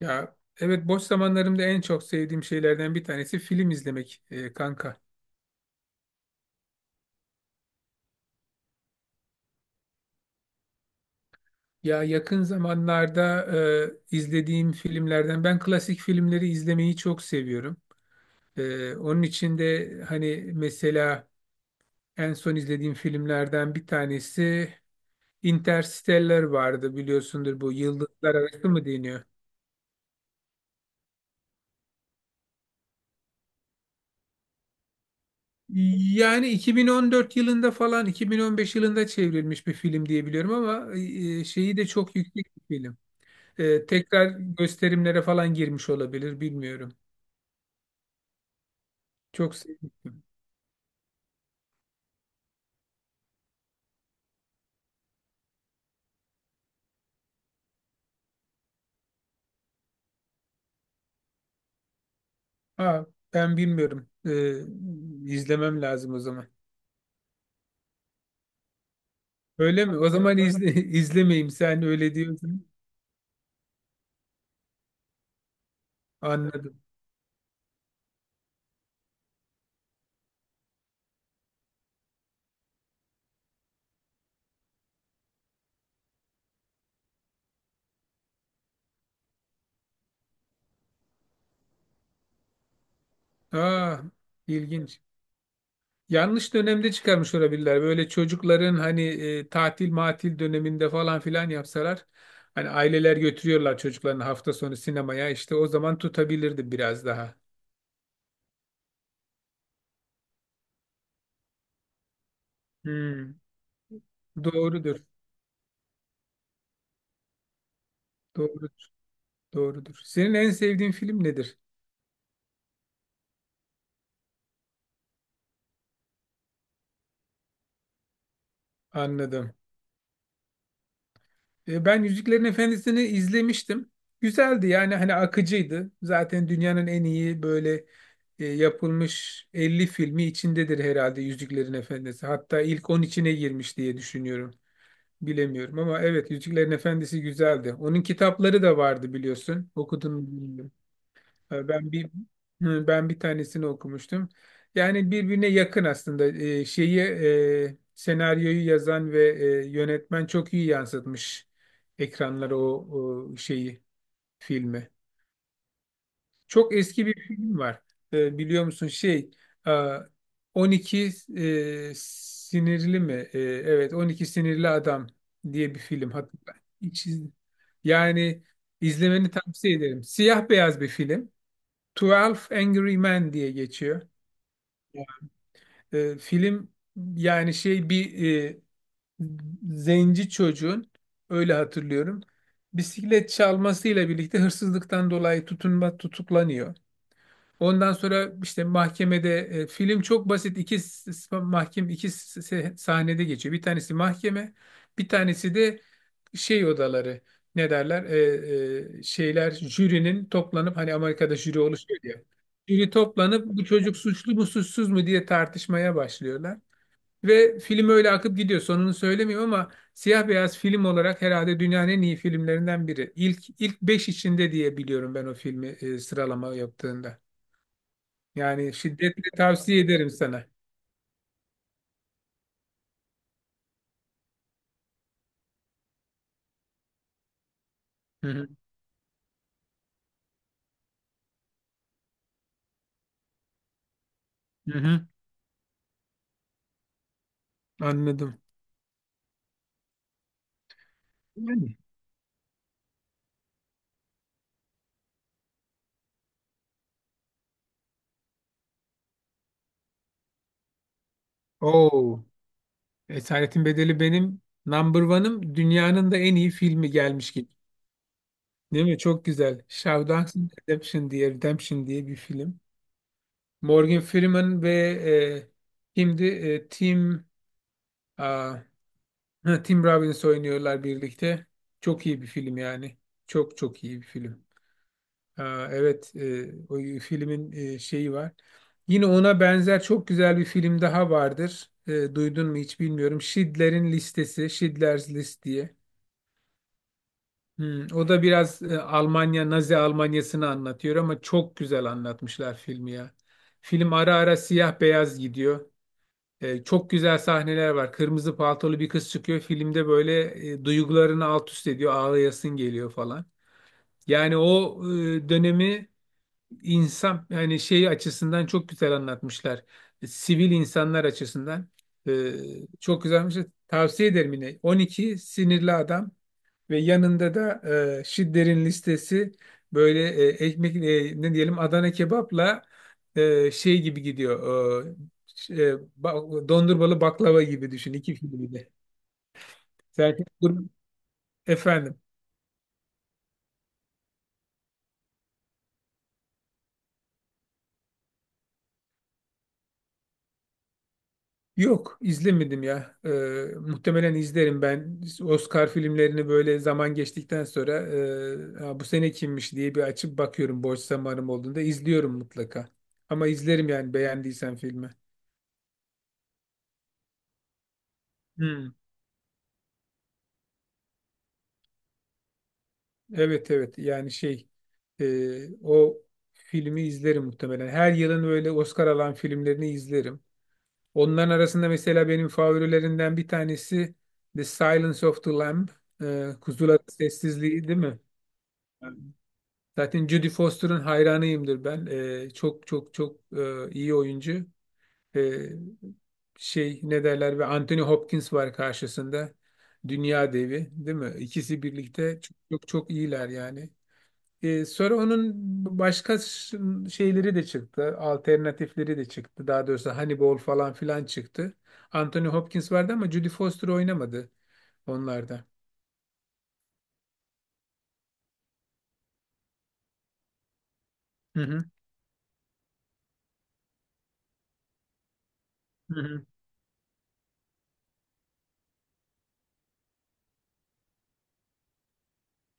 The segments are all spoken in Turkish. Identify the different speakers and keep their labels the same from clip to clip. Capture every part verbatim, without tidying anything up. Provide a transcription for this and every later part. Speaker 1: Ya evet boş zamanlarımda en çok sevdiğim şeylerden bir tanesi film izlemek, e, kanka. Ya yakın zamanlarda e, izlediğim filmlerden ben klasik filmleri izlemeyi çok seviyorum. E, onun için de hani mesela en son izlediğim filmlerden bir tanesi Interstellar vardı, biliyorsundur, bu Yıldızlar Arası mı deniyor? Yani iki bin on dört yılında falan iki bin on beş yılında çevrilmiş bir film diye biliyorum ama e, e, şeyi de çok yüksek bir film. Ee, tekrar gösterimlere falan girmiş olabilir, bilmiyorum. Çok sevmiştim. Ha, ben bilmiyorum. Ee, izlemem lazım o zaman. Öyle mi? O zaman izle, izlemeyeyim, sen öyle diyorsun. Anladım. Aa, ilginç. Yanlış dönemde çıkarmış olabilirler. Böyle çocukların hani e, tatil matil döneminde falan filan yapsalar. Hani aileler götürüyorlar çocuklarını hafta sonu sinemaya. İşte o zaman tutabilirdi biraz daha. Hmm, doğrudur. Doğru. Doğrudur. Senin en sevdiğin film nedir? Anladım. E, ben Yüzüklerin Efendisi'ni izlemiştim. Güzeldi, yani hani akıcıydı. Zaten dünyanın en iyi böyle e, yapılmış elli filmi içindedir herhalde, Yüzüklerin Efendisi. Hatta ilk on içine girmiş diye düşünüyorum. Bilemiyorum ama evet, Yüzüklerin Efendisi güzeldi. Onun kitapları da vardı, biliyorsun. Okudun mu bilmiyorum. Ee, Ben bir hı, ben bir tanesini okumuştum. Yani birbirine yakın aslında. Ee, şeyi, e, senaryoyu yazan ve e, yönetmen çok iyi yansıtmış ekranlara o, o şeyi, filmi. Çok eski bir film var. Ee, biliyor musun şey, e, on iki, e, sinirli mi? E, evet, on iki sinirli adam diye bir film hatta. Hiç iz- Yani izlemeni tavsiye ederim. Siyah beyaz bir film. Twelve Angry Men diye geçiyor. E, film, yani şey bir e, zenci çocuğun, öyle hatırlıyorum. Bisiklet çalmasıyla birlikte hırsızlıktan dolayı tutunma tutuklanıyor. Ondan sonra işte mahkemede e, film çok basit, iki s- s- mahkem iki s- s- sahnede geçiyor. Bir tanesi mahkeme, bir tanesi de şey odaları, ne derler, Ee, e, şeyler, jürinin toplanıp, hani Amerika'da jüri oluşuyor ya, jüri toplanıp bu çocuk suçlu mu suçsuz mu diye tartışmaya başlıyorlar ve film öyle akıp gidiyor, sonunu söylemiyorum ama siyah beyaz film olarak herhalde dünyanın en iyi filmlerinden biri, ilk ilk beş içinde diye biliyorum ben o filmi e, sıralama yaptığında. Yani şiddetle tavsiye ederim sana. Hı hı. Hı hı. Anladım. Yani. Oo. Esaretin Bedeli benim number one'ım. Dünyanın da en iyi filmi gelmiş gibi. Değil mi? Çok güzel. Shawshank Redemption diye, Redemption diye bir film. Morgan Freeman ve e, şimdi e, Tim aa, ha, Tim Robbins oynuyorlar birlikte. Çok iyi bir film yani. Çok çok iyi bir film. Aa, evet, e, o filmin e, şeyi var. Yine ona benzer çok güzel bir film daha vardır. E, duydun mu hiç bilmiyorum. Schindler'in Listesi, Schindler's List diye. Hmm, o da biraz e, Almanya, Nazi Almanyası'nı anlatıyor ama çok güzel anlatmışlar filmi ya. Film ara ara siyah beyaz gidiyor. E, çok güzel sahneler var. Kırmızı paltolu bir kız çıkıyor. Filmde böyle e, duygularını alt üst ediyor. Ağlayasın geliyor falan. Yani o e, dönemi insan yani şey açısından çok güzel anlatmışlar. E, Sivil insanlar açısından. E, Çok güzelmiş. Tavsiye ederim yine. on iki Sinirli Adam. Ve yanında da e, şidderin listesi, böyle e, ekmek, e, ne diyelim, Adana kebapla e, şey gibi gidiyor. E, ş- e, ba- Dondurmalı baklava gibi düşün iki filmi de. Serkan Dur- Efendim. Yok izlemedim ya. E, muhtemelen izlerim ben. Oscar filmlerini böyle zaman geçtikten sonra e, "Ha, bu sene kimmiş" diye bir açıp bakıyorum, boş zamanım olduğunda izliyorum mutlaka. Ama izlerim yani beğendiysen filmi. Hmm. Evet, evet yani şey, e, o filmi izlerim muhtemelen. Her yılın böyle Oscar alan filmlerini izlerim. Onların arasında mesela benim favorilerinden bir tanesi The Silence of the Lamb. E, Kuzuların Sessizliği değil mi? Evet. Zaten Jodie Foster'ın hayranıyımdır ben. E, çok çok çok e, iyi oyuncu. E, Şey ne derler, ve Anthony Hopkins var karşısında. Dünya devi değil mi? İkisi birlikte çok, çok, çok iyiler yani. Ee, sonra onun başka ş- şeyleri de çıktı. Alternatifleri de çıktı. Daha doğrusu Hannibal falan filan çıktı. Anthony Hopkins vardı ama Judy Foster oynamadı onlarda. Hı hı. Hı hı.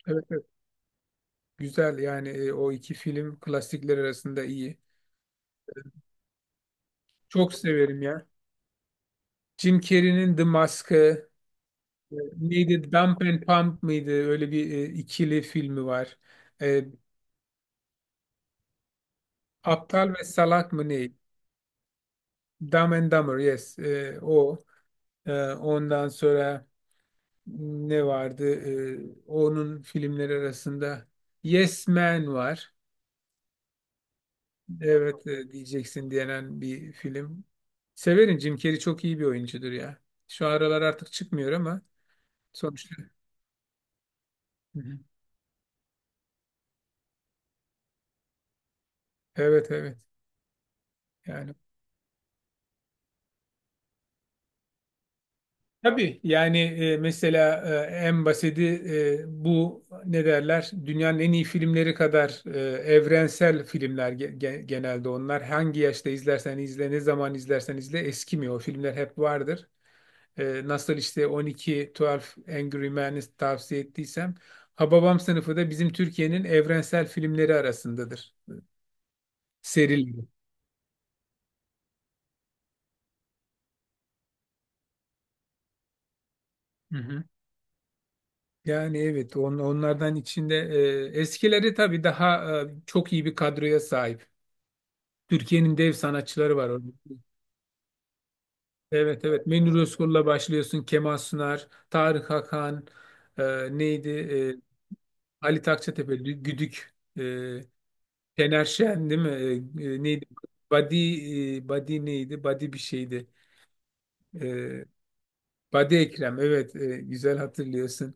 Speaker 1: Evet, evet. Güzel yani, e, o iki film klasikler arasında iyi. Çok severim ya. Jim Carrey'nin The Mask'ı, e, neydi? Dump and Pump mıydı? Öyle bir e, ikili filmi var. E, Aptal ve Salak mı ne? Dumb and Dumber yes. E, o. E, ondan sonra ne vardı? Ee, Onun filmleri arasında Yes Man var. Evet, e, diyeceksin diyenen bir film. Severim, Jim Carrey çok iyi bir oyuncudur ya. Şu aralar artık çıkmıyor ama sonuçta. Hı hı. Evet, evet. Yani tabii yani, e, mesela e, en basiti, e, bu ne derler? Dünyanın en iyi filmleri kadar e, evrensel filmler ge- ge- genelde onlar. Hangi yaşta izlersen izle, ne zaman izlersen izle, eskimiyor. O filmler hep vardır. Ee, nasıl işte on iki, on iki Angry Men'i tavsiye ettiysem, Hababam sınıfı da bizim Türkiye'nin evrensel filmleri arasındadır. Serileri. Hı hı. Yani evet, on, onlardan içinde e, eskileri tabii daha e, çok iyi bir kadroya sahip. Türkiye'nin dev sanatçıları var orada. Evet, evet, Münir Özkul'la başlıyorsun. Kemal Sunar, Tarık Hakan, e, neydi? E, Ali Takçatepe, Lü- Güdük. E, Şener Şen değil mi? Ee, e, neydi? Badi, e, Badi neydi? Badi bir şeydi. Ee, Badi Ekrem. Evet, e, güzel hatırlıyorsun.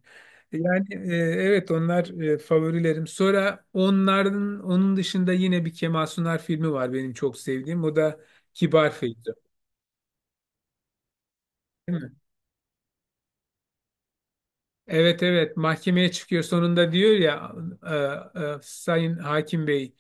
Speaker 1: Yani, e, evet onlar e, favorilerim. Sonra onların onun dışında yine bir Kemal Sunal filmi var benim çok sevdiğim. O da Kibar Feyzo. Evet, evet mahkemeye çıkıyor sonunda diyor ya, e, e, Sayın Hakim Bey,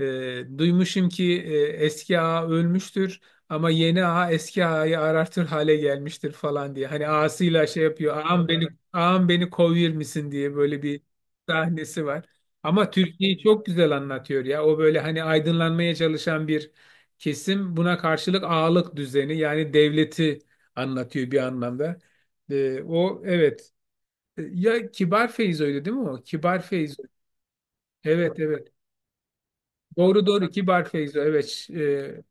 Speaker 1: e, duymuşum ki e, eski ağa ölmüştür ama yeni ağa eski ağayı arartır hale gelmiştir falan diye. Hani ağasıyla şey yapıyor, ağam beni, ağam beni kovur misin diye, böyle bir sahnesi var. Ama Türkiye'yi çok güzel anlatıyor ya, o böyle hani aydınlanmaya çalışan bir kesim, buna karşılık ağalık düzeni, yani devleti anlatıyor bir anlamda. E, o evet, e, ya Kibar Feyzo öyle değil mi o? Kibar Feyzo. Evet, evet. Doğru, doğru, Kibar Feyzo. Evet. e,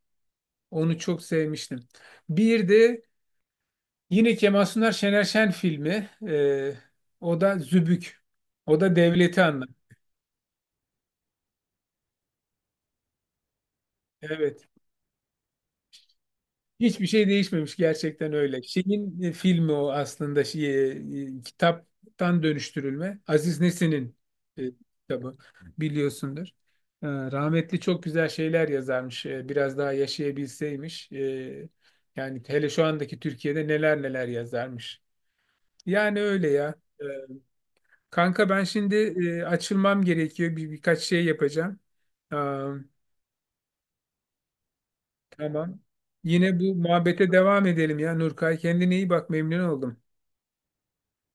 Speaker 1: Onu çok sevmiştim. Bir de yine Kemal Sunar Şener Şen filmi. E, o da Zübük. O da devleti anlat. Evet. Hiçbir şey değişmemiş gerçekten öyle. Şeyin e, filmi o aslında, şey, e, e, kitaptan dönüştürülme. Aziz Nesin'in e, kitabı, biliyorsundur. E, rahmetli çok güzel şeyler yazarmış. E, biraz daha yaşayabilseymiş. E, yani hele şu andaki Türkiye'de neler neler yazarmış. Yani öyle ya. E, Kanka, ben şimdi, e, açılmam gerekiyor. Bir, birkaç şey yapacağım. Aa, tamam. Yine bu muhabbete devam edelim ya, Nurkay. Kendine iyi bak, memnun oldum.